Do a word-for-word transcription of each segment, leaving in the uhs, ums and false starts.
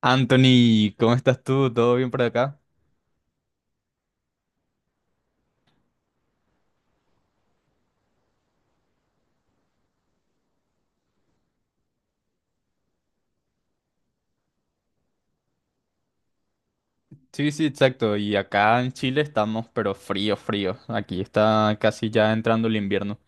Anthony, ¿cómo estás tú? ¿Todo bien por acá? Sí, sí, exacto. Y acá en Chile estamos, pero frío, frío. Aquí está casi ya entrando el invierno.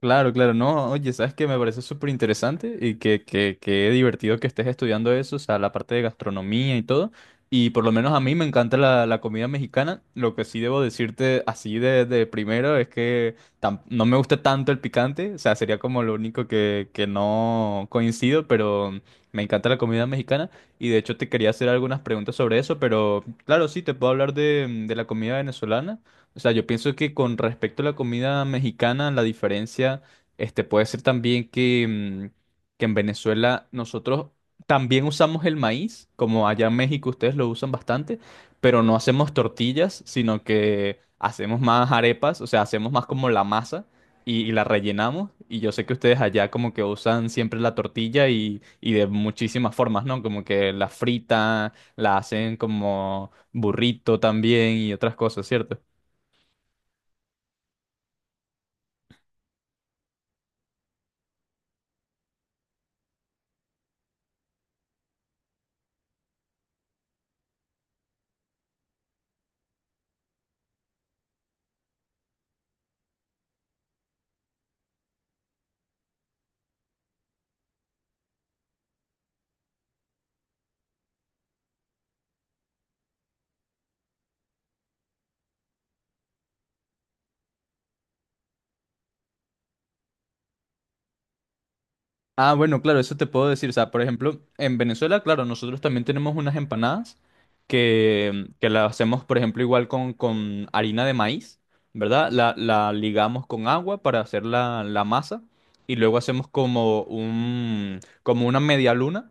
Claro, claro, no, oye, sabes que me parece súper interesante y que, que, que divertido que estés estudiando eso, o sea, la parte de gastronomía y todo. Y por lo menos a mí me encanta la, la comida mexicana. Lo que sí debo decirte así de, de primero es que tam- no me gusta tanto el picante, o sea, sería como lo único que, que no coincido, pero me encanta la comida mexicana. Y de hecho te quería hacer algunas preguntas sobre eso, pero claro, sí, te puedo hablar de, de la comida venezolana. O sea, yo pienso que con respecto a la comida mexicana, la diferencia, este, puede ser también que, mm, que en Venezuela nosotros también usamos el maíz, como allá en México ustedes lo usan bastante, pero no hacemos tortillas, sino que hacemos más arepas, o sea, hacemos más como la masa y, y la rellenamos. Y yo sé que ustedes allá como que usan siempre la tortilla y, y de muchísimas formas, ¿no? Como que la fritan, la hacen como burrito también y otras cosas, ¿cierto? Ah, bueno, claro, eso te puedo decir. O sea, por ejemplo, en Venezuela, claro, nosotros también tenemos unas empanadas que, que las hacemos, por ejemplo, igual con, con harina de maíz, ¿verdad? La, la ligamos con agua para hacer la, la masa y luego hacemos como un, como una media luna.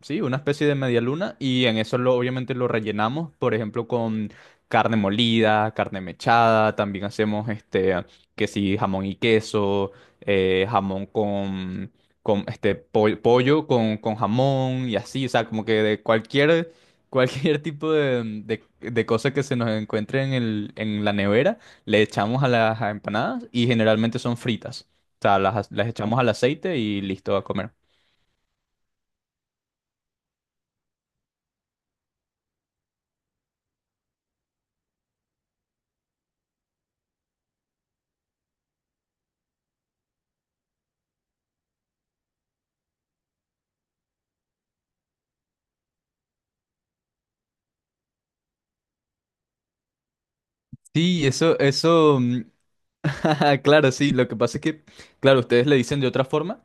Sí, una especie de media luna y en eso lo, obviamente lo rellenamos, por ejemplo, con carne molida, carne mechada, también hacemos este, que sí, jamón y queso, eh, jamón con, con este, po- pollo con, con jamón y así, o sea, como que de cualquier, cualquier tipo de, de, de cosa que se nos encuentre en el, en la nevera, le echamos a las empanadas y generalmente son fritas, o sea, las, las echamos al aceite y listo a comer. Sí, eso, eso, claro, sí, lo que pasa es que, claro, ustedes le dicen de otra forma,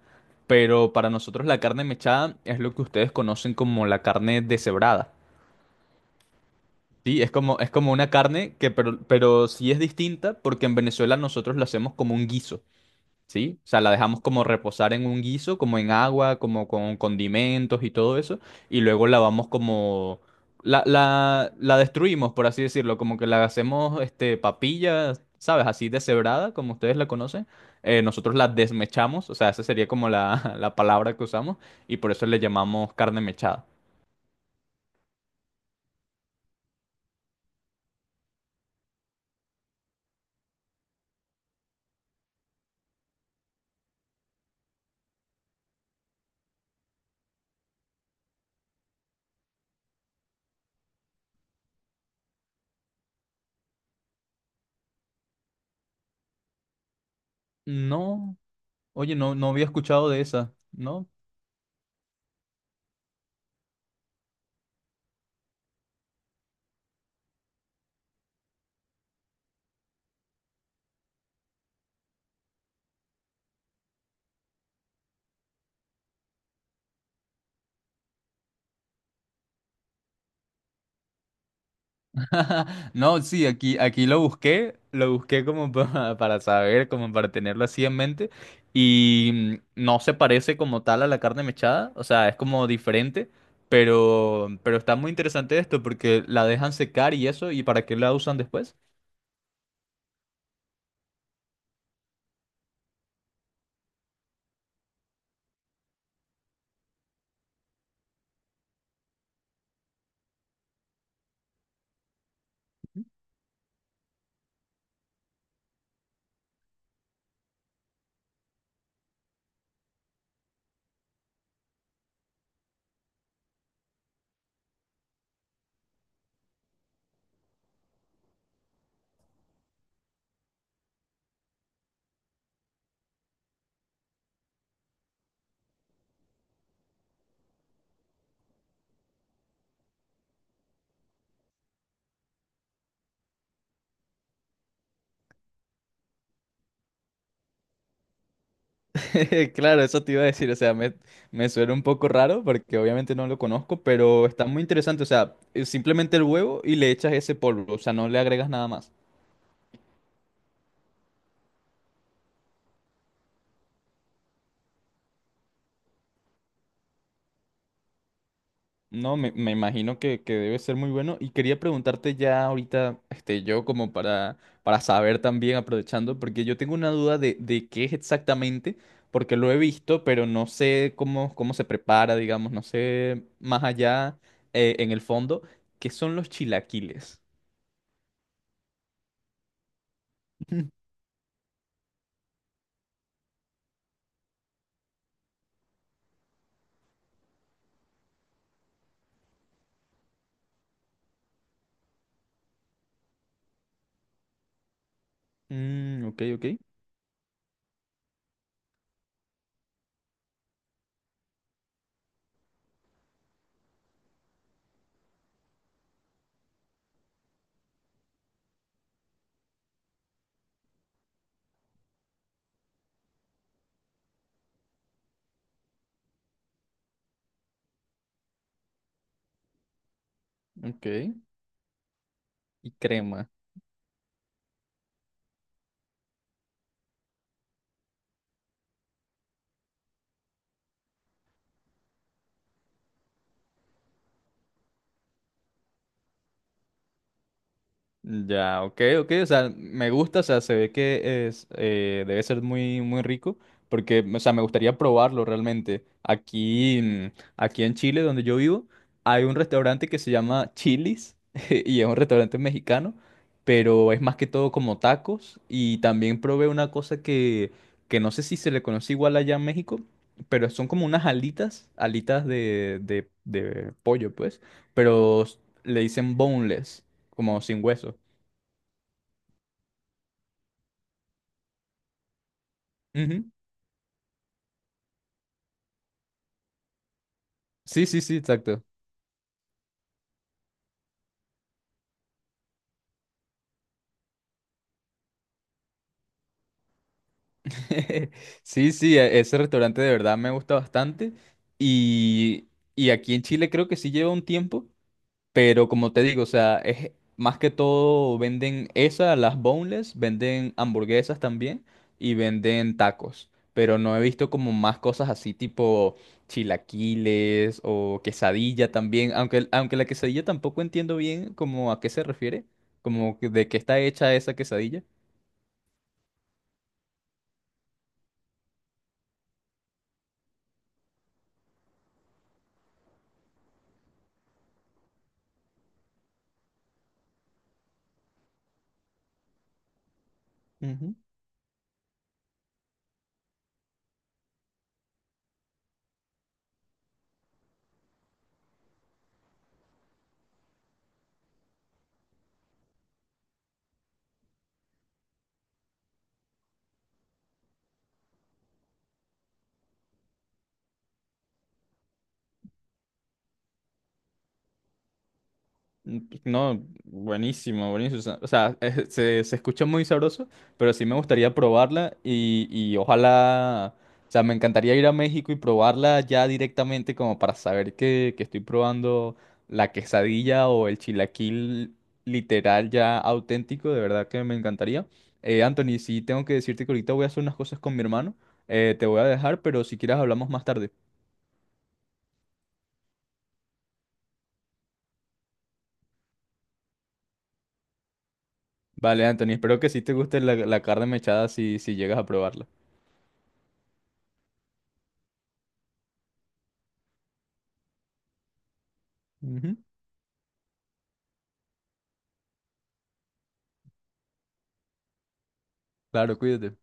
pero para nosotros la carne mechada es lo que ustedes conocen como la carne deshebrada. Sí, es como, es como una carne que, pero, pero sí es distinta porque en Venezuela nosotros la hacemos como un guiso. ¿Sí? O sea, la dejamos como reposar en un guiso, como en agua, como con condimentos y todo eso, y luego la vamos como... La, la, la destruimos, por así decirlo, como que la hacemos este, papilla, ¿sabes? Así deshebrada, como ustedes la conocen. Eh, nosotros la desmechamos, o sea, esa sería como la, la palabra que usamos, y por eso le llamamos carne mechada. No, oye, no, no había escuchado de esa, ¿no? No, sí, aquí, aquí lo busqué, lo busqué como pa- para saber, como para tenerlo así en mente. Y mm, no se parece como tal a la carne mechada, o sea, es como diferente, pero, pero está muy interesante esto porque la dejan secar y eso, ¿y para qué la usan después? Claro, eso te iba a decir, o sea, me, me suena un poco raro porque obviamente no lo conozco, pero está muy interesante, o sea, es simplemente el huevo y le echas ese polvo, o sea, no le agregas nada más. No, me, me imagino que, que debe ser muy bueno. Y quería preguntarte ya ahorita, este, yo como para, para saber también, aprovechando, porque yo tengo una duda de, de qué es exactamente, porque lo he visto, pero no sé cómo, cómo se prepara, digamos, no sé más allá eh, en el fondo, qué son los chilaquiles. Mm, ok, ok, ok. Y crema. Ya, ok, ok, o sea, me gusta, o sea, se ve que es, eh, debe ser muy, muy rico, porque, o sea, me gustaría probarlo realmente. Aquí, mm, aquí en Chile, donde yo vivo, hay un restaurante que se llama Chili's, y es un restaurante mexicano, pero es más que todo como tacos, y también probé una cosa que, que no sé si se le conoce igual allá en México, pero son como unas alitas, alitas de, de, de pollo, pues, pero s- le dicen boneless, como sin hueso. Ujú. Sí, sí, sí, exacto. Sí, sí, e- ese restaurante de verdad me gusta bastante. Y, y aquí en Chile creo que sí lleva un tiempo, pero como te digo, o sea, es más que todo venden esa, las boneless, venden hamburguesas también y venden tacos. Pero no he visto como más cosas así tipo chilaquiles o quesadilla también, aunque, aunque la quesadilla tampoco entiendo bien como a qué se refiere, como que- de qué está hecha esa quesadilla. Ujú. Mm, pues, no, buenísimo, buenísimo. O sea, o sea, eh, se, se escucha muy sabroso, pero sí me gustaría probarla y, y ojalá, o sea, me encantaría ir a México y probarla ya directamente como para saber que, que estoy probando la quesadilla o el chilaquil literal ya auténtico, de verdad que me encantaría. Eh, Anthony, sí tengo que decirte que ahorita voy a hacer unas cosas con mi hermano, eh, te voy a dejar, pero si quieres hablamos más tarde. Vale, Anthony, espero que sí te guste la, la carne mechada si, si llegas a probarla. Ujú. Claro, cuídate.